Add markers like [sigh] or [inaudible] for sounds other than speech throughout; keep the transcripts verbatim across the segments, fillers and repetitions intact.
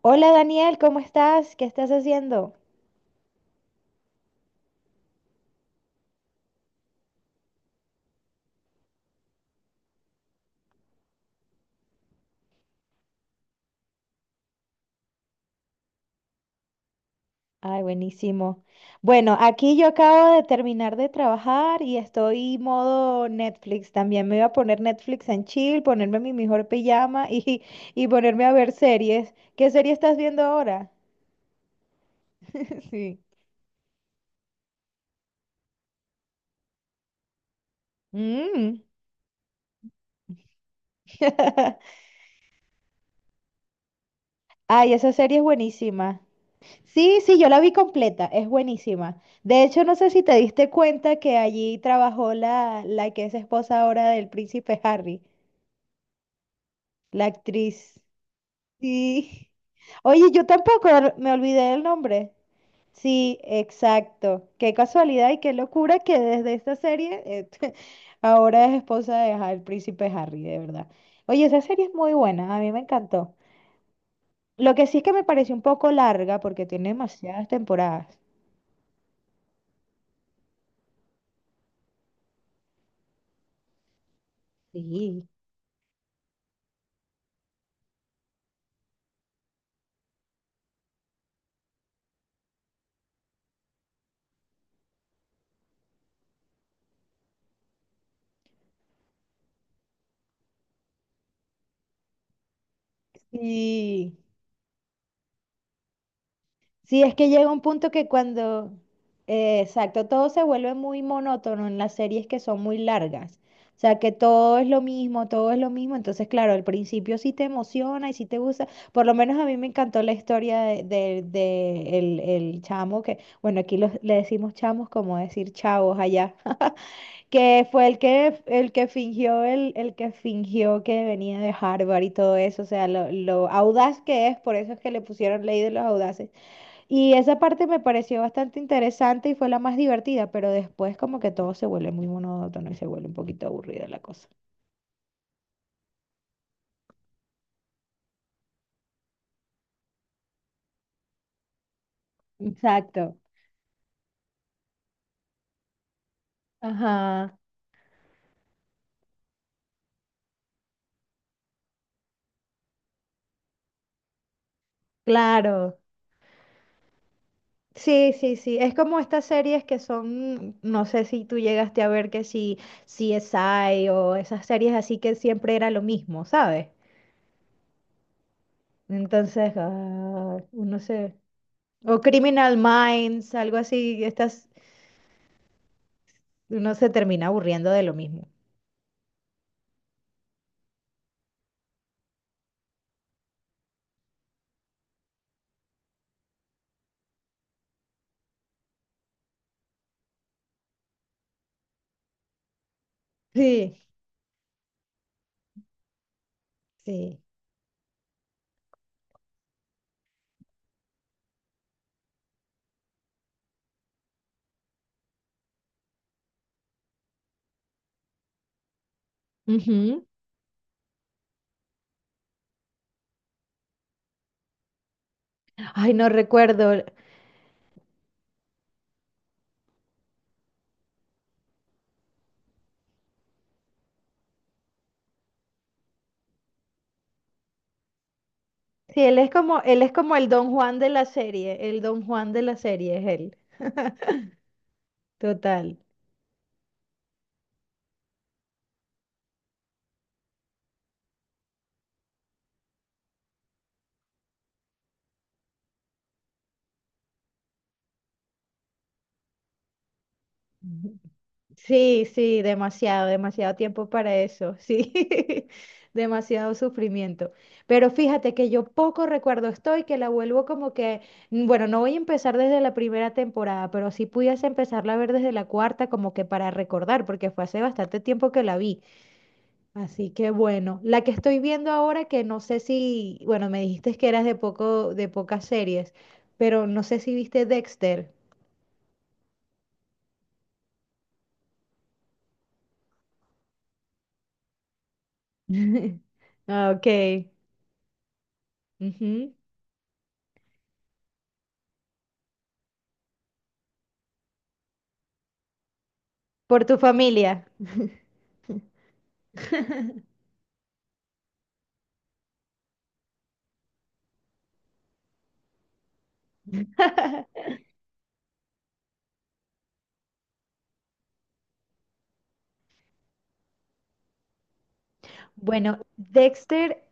Hola Daniel, ¿cómo estás? ¿Qué estás haciendo? Ay, buenísimo. Bueno, aquí yo acabo de terminar de trabajar y estoy modo Netflix. También me voy a poner Netflix en chill, ponerme mi mejor pijama y, [laughs] y ponerme a ver series. ¿Qué serie estás viendo ahora? [laughs] Sí. Mm. [laughs] Ay, esa serie es buenísima. Sí, sí, yo la vi completa, es buenísima. De hecho, no sé si te diste cuenta que allí trabajó la, la que es esposa ahora del príncipe Harry. La actriz. Sí. Oye, yo tampoco er- me olvidé del nombre. Sí, exacto. Qué casualidad y qué locura que desde esta serie eh, [laughs] ahora es esposa de Ha- el príncipe Harry, de verdad. Oye, esa serie es muy buena, a mí me encantó. Lo que sí es que me pareció un poco larga porque tiene demasiadas temporadas. Sí. Sí. Sí, es que llega un punto que cuando, eh, exacto, todo se vuelve muy monótono en las series que son muy largas. O sea, que todo es lo mismo, todo es lo mismo. Entonces, claro, al principio sí te emociona y sí te gusta. Por lo menos a mí me encantó la historia de, de- de el, el chamo que, bueno, aquí los- le decimos chamos como decir chavos allá, [laughs] que fue el que, el que fingió, el, el que fingió que venía de Harvard y todo eso. O sea, lo, lo audaz que es, por eso es que le pusieron ley de los audaces y esa parte me pareció bastante interesante y fue la más divertida, pero después como que todo se vuelve muy monótono y se vuelve un poquito aburrida la cosa. Exacto. Ajá, claro. Sí, sí, sí. Es como estas series que son, no sé si tú llegaste a ver que si C S I o esas series así que siempre era lo mismo, ¿sabes? Entonces, ah, uno se... O Criminal Minds, algo así, estas, uno se termina aburriendo de lo mismo. Sí, sí. Ay, no recuerdo. Sí, él es como, él es como el Don Juan de la serie. El Don Juan de la serie es él. Total. Ujú. Sí, sí, demasiado, demasiado tiempo para eso. Sí, [laughs] demasiado sufrimiento. Pero fíjate que yo poco recuerdo estoy, que la vuelvo como que, mm, bueno, no voy a empezar desde la primera temporada, pero si pudiese empezarla a ver desde la cuarta, como que para recordar, porque fue hace bastante tiempo que la vi. Así que bueno, la que estoy viendo ahora que no sé si, bueno, me dijiste que eras de poco, de pocas series, pero no sé si viste Dexter. [laughs] Ah, ok. Ujú. Por tu familia. [laughs] Bueno, Dexter,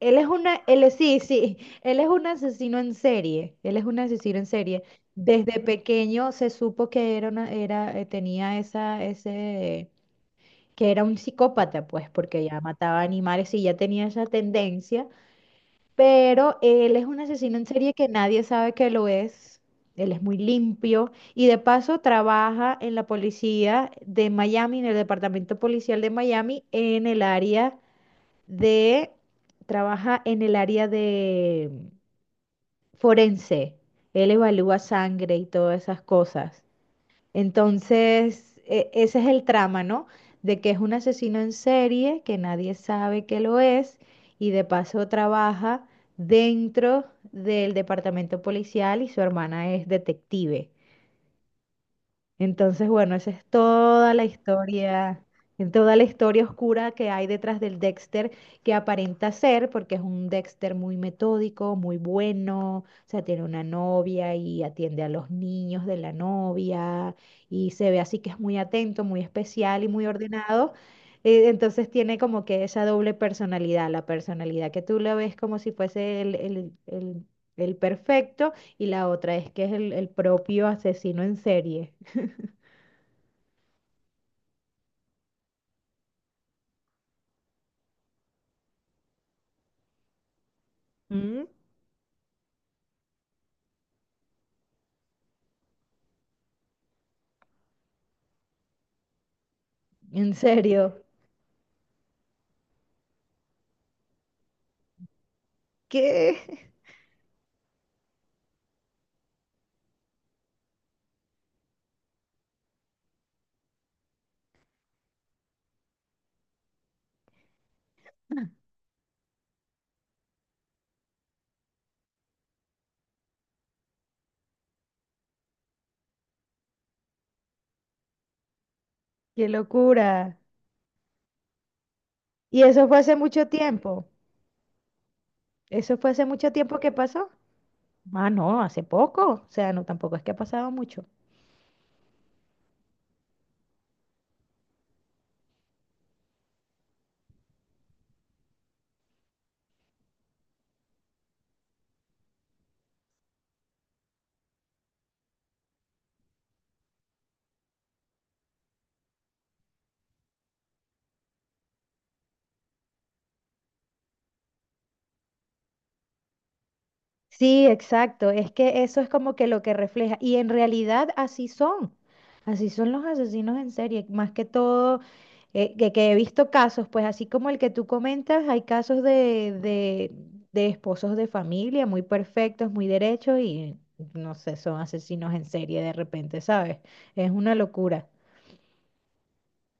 él es una, él es- sí, sí, él es un asesino en serie, él es un asesino en serie. Desde pequeño se supo que era una, era, eh, tenía esa, ese que era un psicópata, pues, porque ya mataba animales y ya tenía esa tendencia, pero él es un asesino en serie que nadie sabe que lo es. Él es muy limpio y de paso trabaja en la policía de Miami, en el departamento policial de Miami, en el área de, trabaja en el área de forense. Él evalúa sangre y todas esas cosas. Entonces, e- ese es el trama, ¿no? De que es un asesino en serie, que nadie sabe que lo es, y de paso trabaja dentro del departamento policial y su hermana es detective. Entonces, bueno, esa es toda la historia, en toda la historia oscura que hay detrás del Dexter, que aparenta ser, porque es un Dexter muy metódico, muy bueno, o sea, tiene una novia y atiende a los niños de la novia, y se ve así que es muy atento, muy especial y muy ordenado. Eh, Entonces tiene como que esa doble personalidad, la personalidad que tú la ves como si fuese el, el- el- el perfecto y la otra es que es el el propio asesino en serie. Mm, ¿en serio? ¿Qué? [laughs] ¡Qué locura! ¿Y eso fue hace mucho tiempo? ¿Eso fue hace mucho tiempo que pasó? Ah, no, hace poco. O sea, no, tampoco es que ha pasado mucho. Sí, exacto. Es que eso es como que lo que refleja. Y en realidad así son. Así son los asesinos en serie. Más que todo, eh, que, que he visto casos, pues así como el que tú comentas, hay casos de, de, de esposos de familia muy perfectos, muy derechos y no sé, son asesinos en serie de repente, ¿sabes? Es una locura.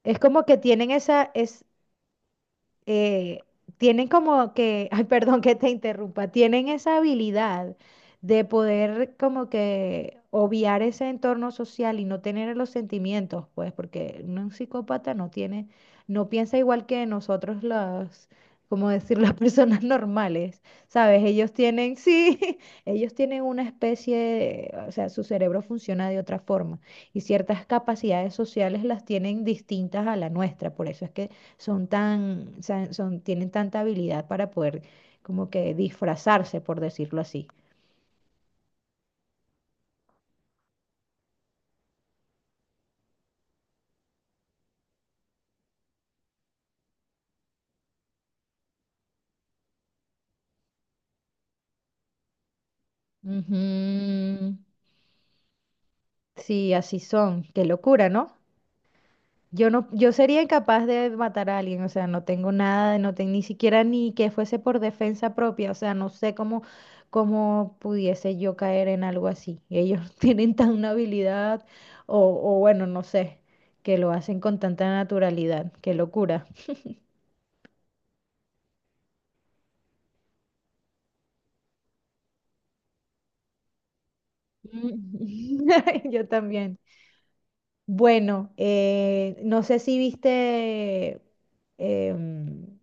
Es como que tienen esa, eh, tienen como que, [laughs] ay, perdón que te interrumpa, tienen esa habilidad de poder como que obviar ese entorno social y no tener los sentimientos, pues, porque un psicópata no tiene, no piensa igual que nosotros los, como decir, las [laughs] personas normales, ¿sabes? Ellos tienen, sí, [laughs] ellos tienen una especie de, o sea, su cerebro funciona de otra forma y ciertas capacidades sociales las tienen distintas a la nuestra, por eso es que son tan, sa- son, tienen tanta habilidad para poder como que disfrazarse, por decirlo así. Ujú. Sí, así son. Qué locura, ¿no? Yo no, yo sería incapaz de matar a alguien, o sea, no tengo nada, no tengo ni siquiera ni que fuese por defensa propia, o sea, no sé cómo, cómo pudiese yo caer en algo así. Ellos [laughs] tienen tan una habilidad, o, o bueno, no sé, que lo hacen con tanta naturalidad, qué locura. Mm. [laughs] Yo también. Bueno, eh, no sé si viste, em,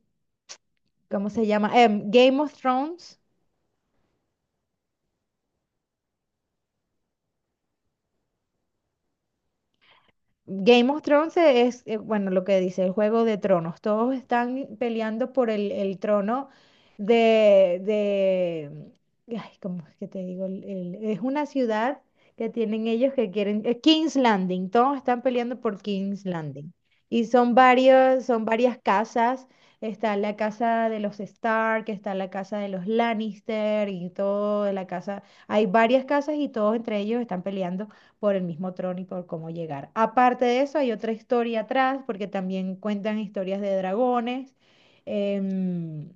¿cómo se llama? Em, Game of Thrones. Game of Thrones es, eh, bueno, lo que dice el Juego de Tronos. Todos están peleando por el, el trono de, de, mm, ay, ¿cómo es que te digo? El- el- es una ciudad que tienen ellos que quieren, eh, King's Landing. Todos están peleando por King's Landing. Y son varios, son varias casas. Está la casa de los Stark, está la casa de los Lannister y todo, la casa. Hay varias casas y todos entre ellos están peleando por el mismo trono y por cómo llegar. Aparte de eso, hay otra historia atrás, porque también cuentan historias de dragones. em,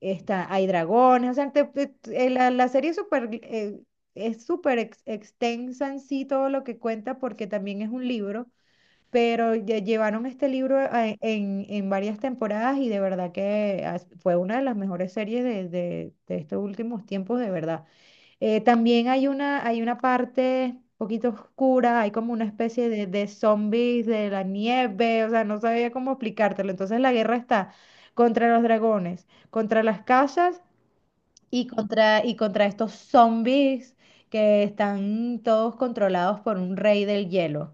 está, hay dragones, o sea, te- te- eh, la, la serie es súper eh, es súper ex- extensa en sí todo lo que cuenta, porque también es un libro, pero ya llevaron este libro a- en, en varias temporadas y de verdad que as- fue una de las mejores series de, de de estos últimos tiempos, de verdad. Eh, también hay una, hay una parte un poquito oscura, hay como una especie de, de zombies de la nieve, o sea, no sabía cómo explicártelo. Entonces la guerra está contra los dragones, contra las casas y contra, y contra estos zombies que están todos controlados por un rey del hielo.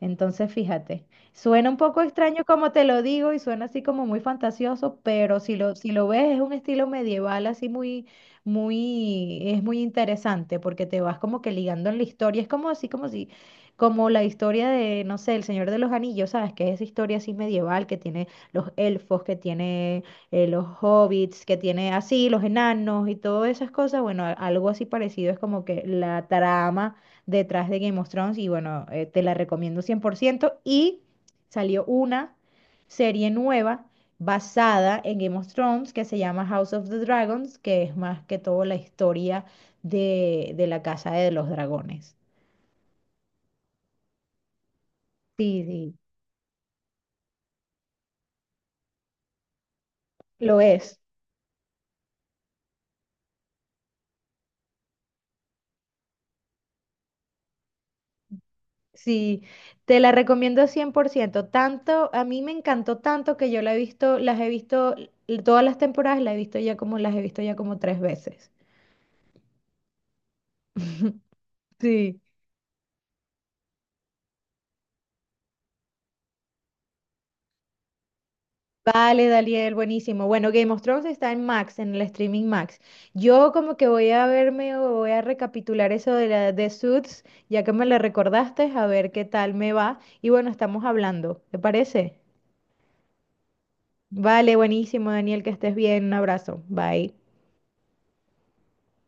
Entonces, fíjate, suena un poco extraño como te lo digo y suena así como muy fantasioso, pero si lo, si lo ves es un estilo medieval así muy, muy, es muy interesante porque te vas como que ligando en la historia. Es como así como si, como la historia de, no sé, El Señor de los Anillos, ¿sabes? Que es esa historia así medieval que tiene los elfos, que tiene eh, los hobbits que tiene así, los enanos y todas esas cosas, bueno, a- algo así parecido es como que la trama detrás de Game of Thrones y bueno, eh, te la recomiendo cien por ciento y salió una serie nueva basada en Game of Thrones que se llama House of the Dragons, que es más que todo la historia de, de la Casa de los Dragones. Sí, sí, lo es. Sí, te la recomiendo cien por ciento. Tanto, a mí me encantó tanto que yo la he visto, las he visto, l- todas las temporadas la he visto ya como, las he visto ya como tres veces. Sí. Vale, Daniel, buenísimo. Bueno, Game of Thrones está en Max, en el streaming Max. Yo como que voy a verme o voy a recapitular eso de la de Suits, ya que me la recordaste, a ver qué tal me va. Y bueno, estamos hablando, ¿te parece? Vale, buenísimo, Daniel, que estés bien. Un abrazo. Bye.